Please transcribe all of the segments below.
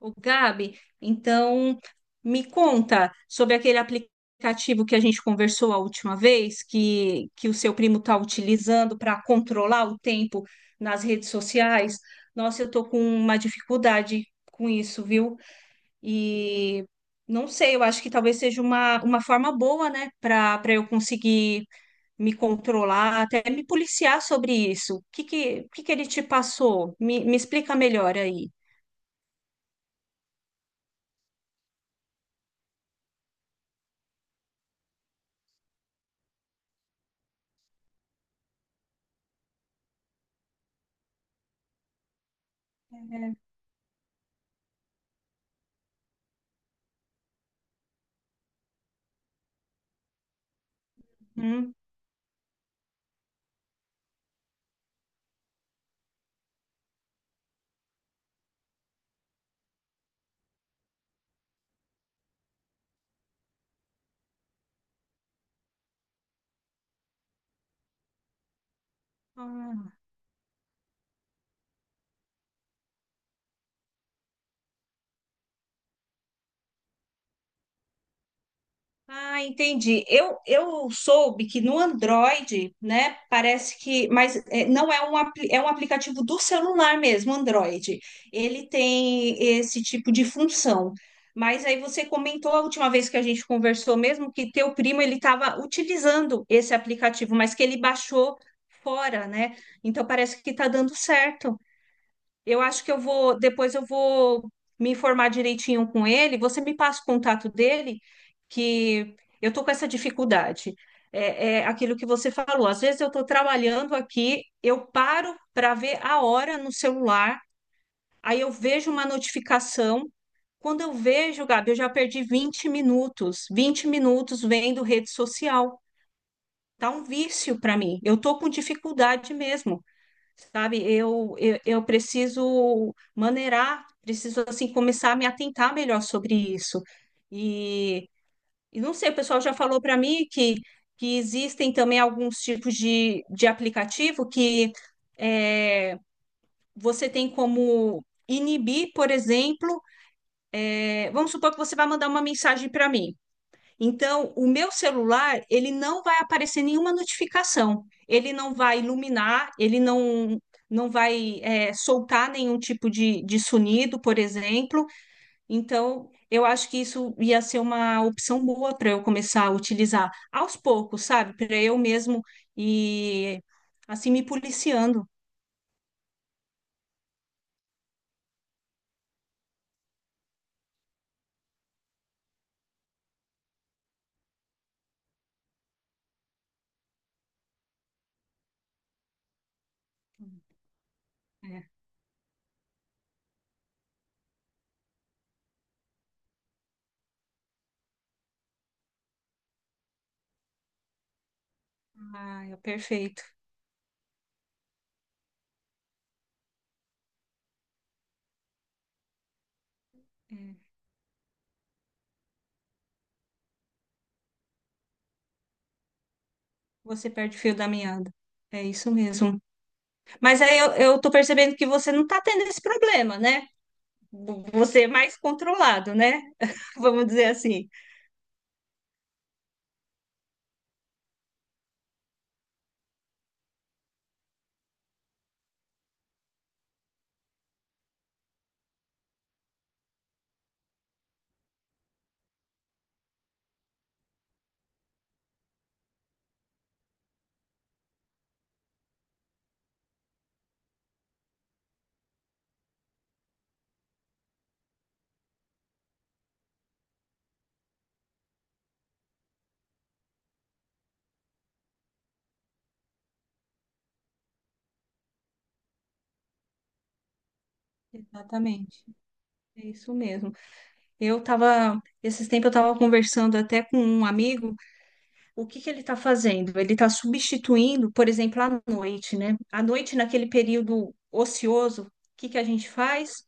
Ô, Gabi, então me conta sobre aquele aplicativo que a gente conversou a última vez, que o seu primo está utilizando para controlar o tempo nas redes sociais. Nossa, eu estou com uma dificuldade com isso, viu? E não sei, eu acho que talvez seja uma forma boa, né, para eu conseguir me controlar, até me policiar sobre isso. O que que ele te passou? Me explica melhor aí. Hum? Ah. Ah, entendi. Eu soube que no Android, né, parece que, mas é, não é é um aplicativo do celular mesmo, Android. Ele tem esse tipo de função. Mas aí você comentou a última vez que a gente conversou mesmo que teu primo ele estava utilizando esse aplicativo, mas que ele baixou fora, né? Então parece que está dando certo. Eu acho que depois eu vou me informar direitinho com ele. Você me passa o contato dele, que eu tô com essa dificuldade. É, é aquilo que você falou. Às vezes eu estou trabalhando aqui, eu paro para ver a hora no celular, aí eu vejo uma notificação. Quando eu vejo, Gabi, eu já perdi 20 minutos, 20 minutos vendo rede social. Tá um vício para mim. Eu tô com dificuldade mesmo, sabe? Eu preciso maneirar, preciso, assim, começar a me atentar melhor sobre isso. E, e não sei, o pessoal já falou para mim que, existem também alguns tipos de aplicativo que é, você tem como inibir, por exemplo, vamos supor que você vai mandar uma mensagem para mim. Então, o meu celular, ele não vai aparecer nenhuma notificação, ele não vai iluminar, ele não vai soltar nenhum tipo de sonido, por exemplo. Então, eu acho que isso ia ser uma opção boa para eu começar a utilizar aos poucos, sabe? Para eu mesmo e assim me policiando. É. Ah, é perfeito. É. Você perde o fio da meada. É isso mesmo. Mas aí eu tô percebendo que você não tá tendo esse problema, né? Você é mais controlado, né? Vamos dizer assim. Exatamente. É isso mesmo. Esses tempos eu tava conversando até com um amigo, o que que ele tá fazendo? Ele tá substituindo, por exemplo, à noite, né? À noite, naquele período ocioso, o que que a gente faz?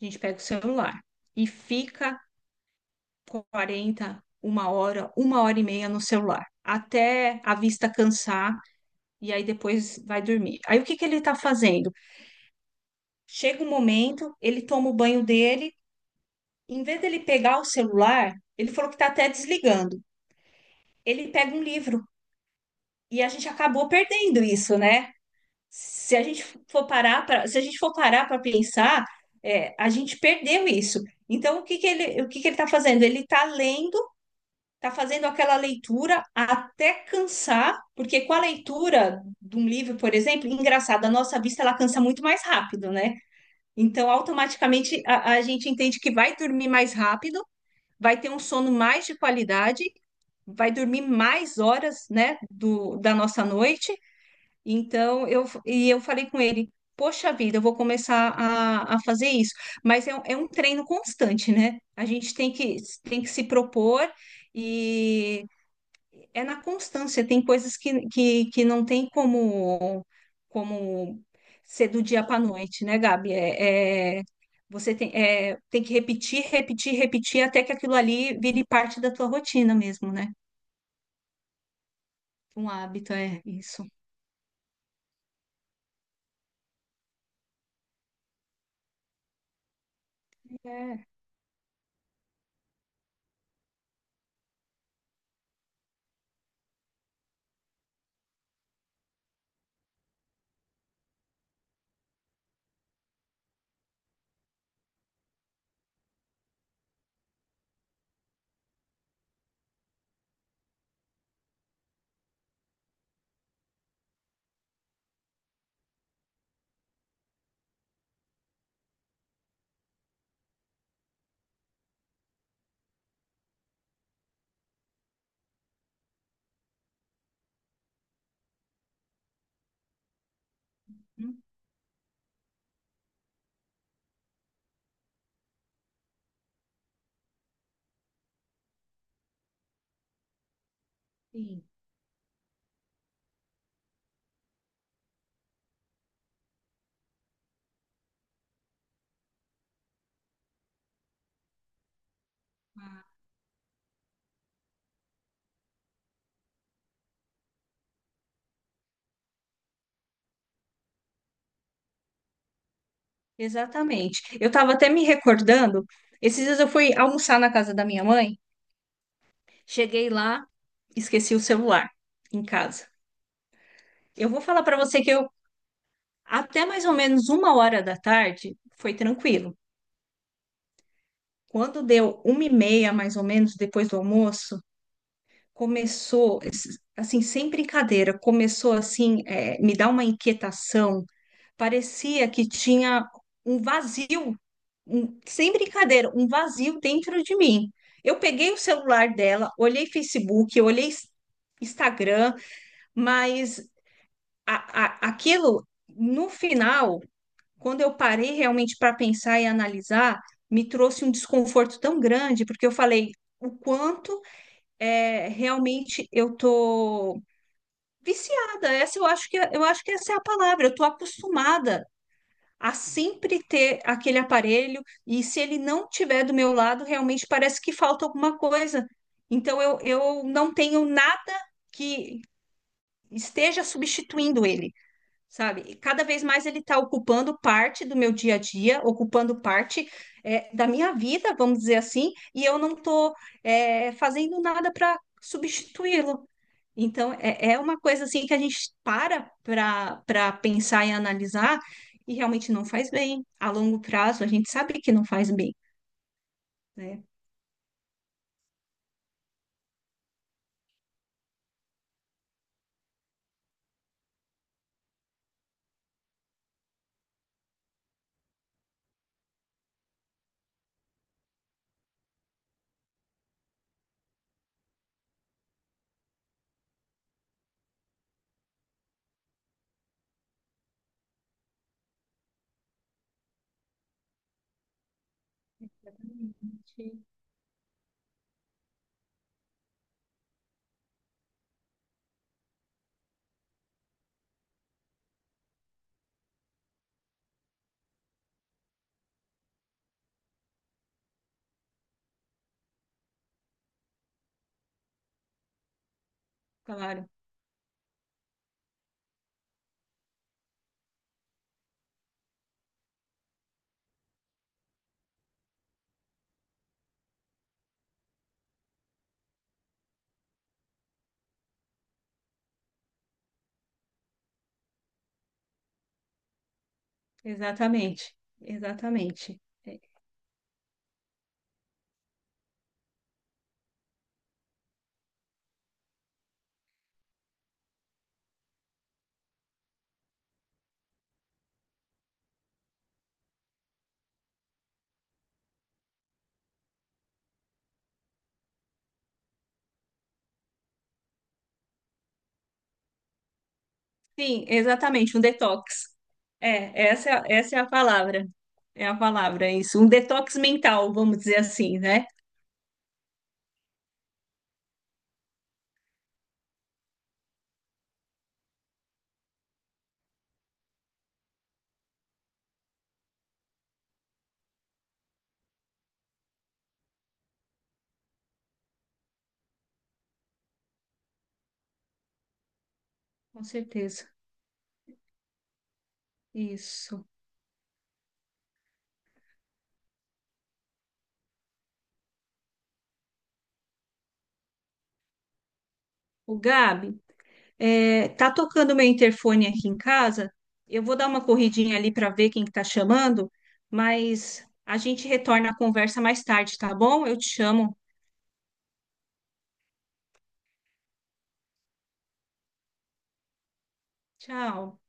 A gente pega o celular e fica quarenta, uma hora e meia no celular, até a vista cansar e aí depois vai dormir. Aí o que que ele está fazendo? Chega um momento, ele toma o banho dele, em vez dele pegar o celular, ele falou que está até desligando. Ele pega um livro e a gente acabou perdendo isso, né? Se a gente for parar para, se a gente for parar para pensar, é, a gente perdeu isso. Então o que que ele está fazendo? Ele está lendo, está fazendo aquela leitura até cansar, porque com a leitura de um livro, por exemplo, engraçado, a nossa vista ela cansa muito mais rápido, né? Então, automaticamente, a gente entende que vai dormir mais rápido, vai ter um sono mais de qualidade, vai dormir mais horas, né, da nossa noite. Então, eu falei com ele, poxa vida, eu vou começar a fazer isso. Mas é, é um treino constante, né? A gente tem que se propor é na constância, tem coisas que, que não tem como ser do dia para a noite, né, Gabi? Você tem, tem que repetir, repetir, repetir até que aquilo ali vire parte da tua rotina mesmo, né? Um hábito, é isso. É. Hum. Sim. Exatamente. Eu estava até me recordando, esses dias eu fui almoçar na casa da minha mãe, cheguei lá, esqueci o celular em casa. Eu vou falar para você que eu até mais ou menos uma hora da tarde foi tranquilo. Quando deu uma e meia, mais ou menos, depois do almoço, começou, assim, sem brincadeira, começou assim, é, me dar uma inquietação. Parecia que tinha um vazio, sem brincadeira, um vazio dentro de mim. Eu peguei o celular dela, olhei Facebook, olhei Instagram, mas aquilo, no final, quando eu parei realmente para pensar e analisar, me trouxe um desconforto tão grande, porque eu falei o quanto, é, realmente eu tô viciada. Essa eu acho que é, eu acho que essa é a palavra. Eu tô acostumada a sempre ter aquele aparelho e se ele não tiver do meu lado, realmente parece que falta alguma coisa. Então eu não tenho nada que esteja substituindo ele, sabe? E cada vez mais ele está ocupando parte do meu dia a dia, ocupando parte, da minha vida, vamos dizer assim, e eu não estou fazendo nada para substituí-lo. Então, é, é uma coisa assim que a gente para para pensar e analisar e realmente não faz bem. A longo prazo, a gente sabe que não faz bem, né? Claro, exatamente, exatamente. Sim, exatamente, um detox. É, essa, essa é a palavra. É a palavra, isso. Um detox mental, vamos dizer assim, né? Com certeza. Isso. O Gabi, é, tá tocando meu interfone aqui em casa. Eu vou dar uma corridinha ali para ver quem que tá chamando, mas a gente retorna a conversa mais tarde, tá bom? Eu te chamo. Tchau.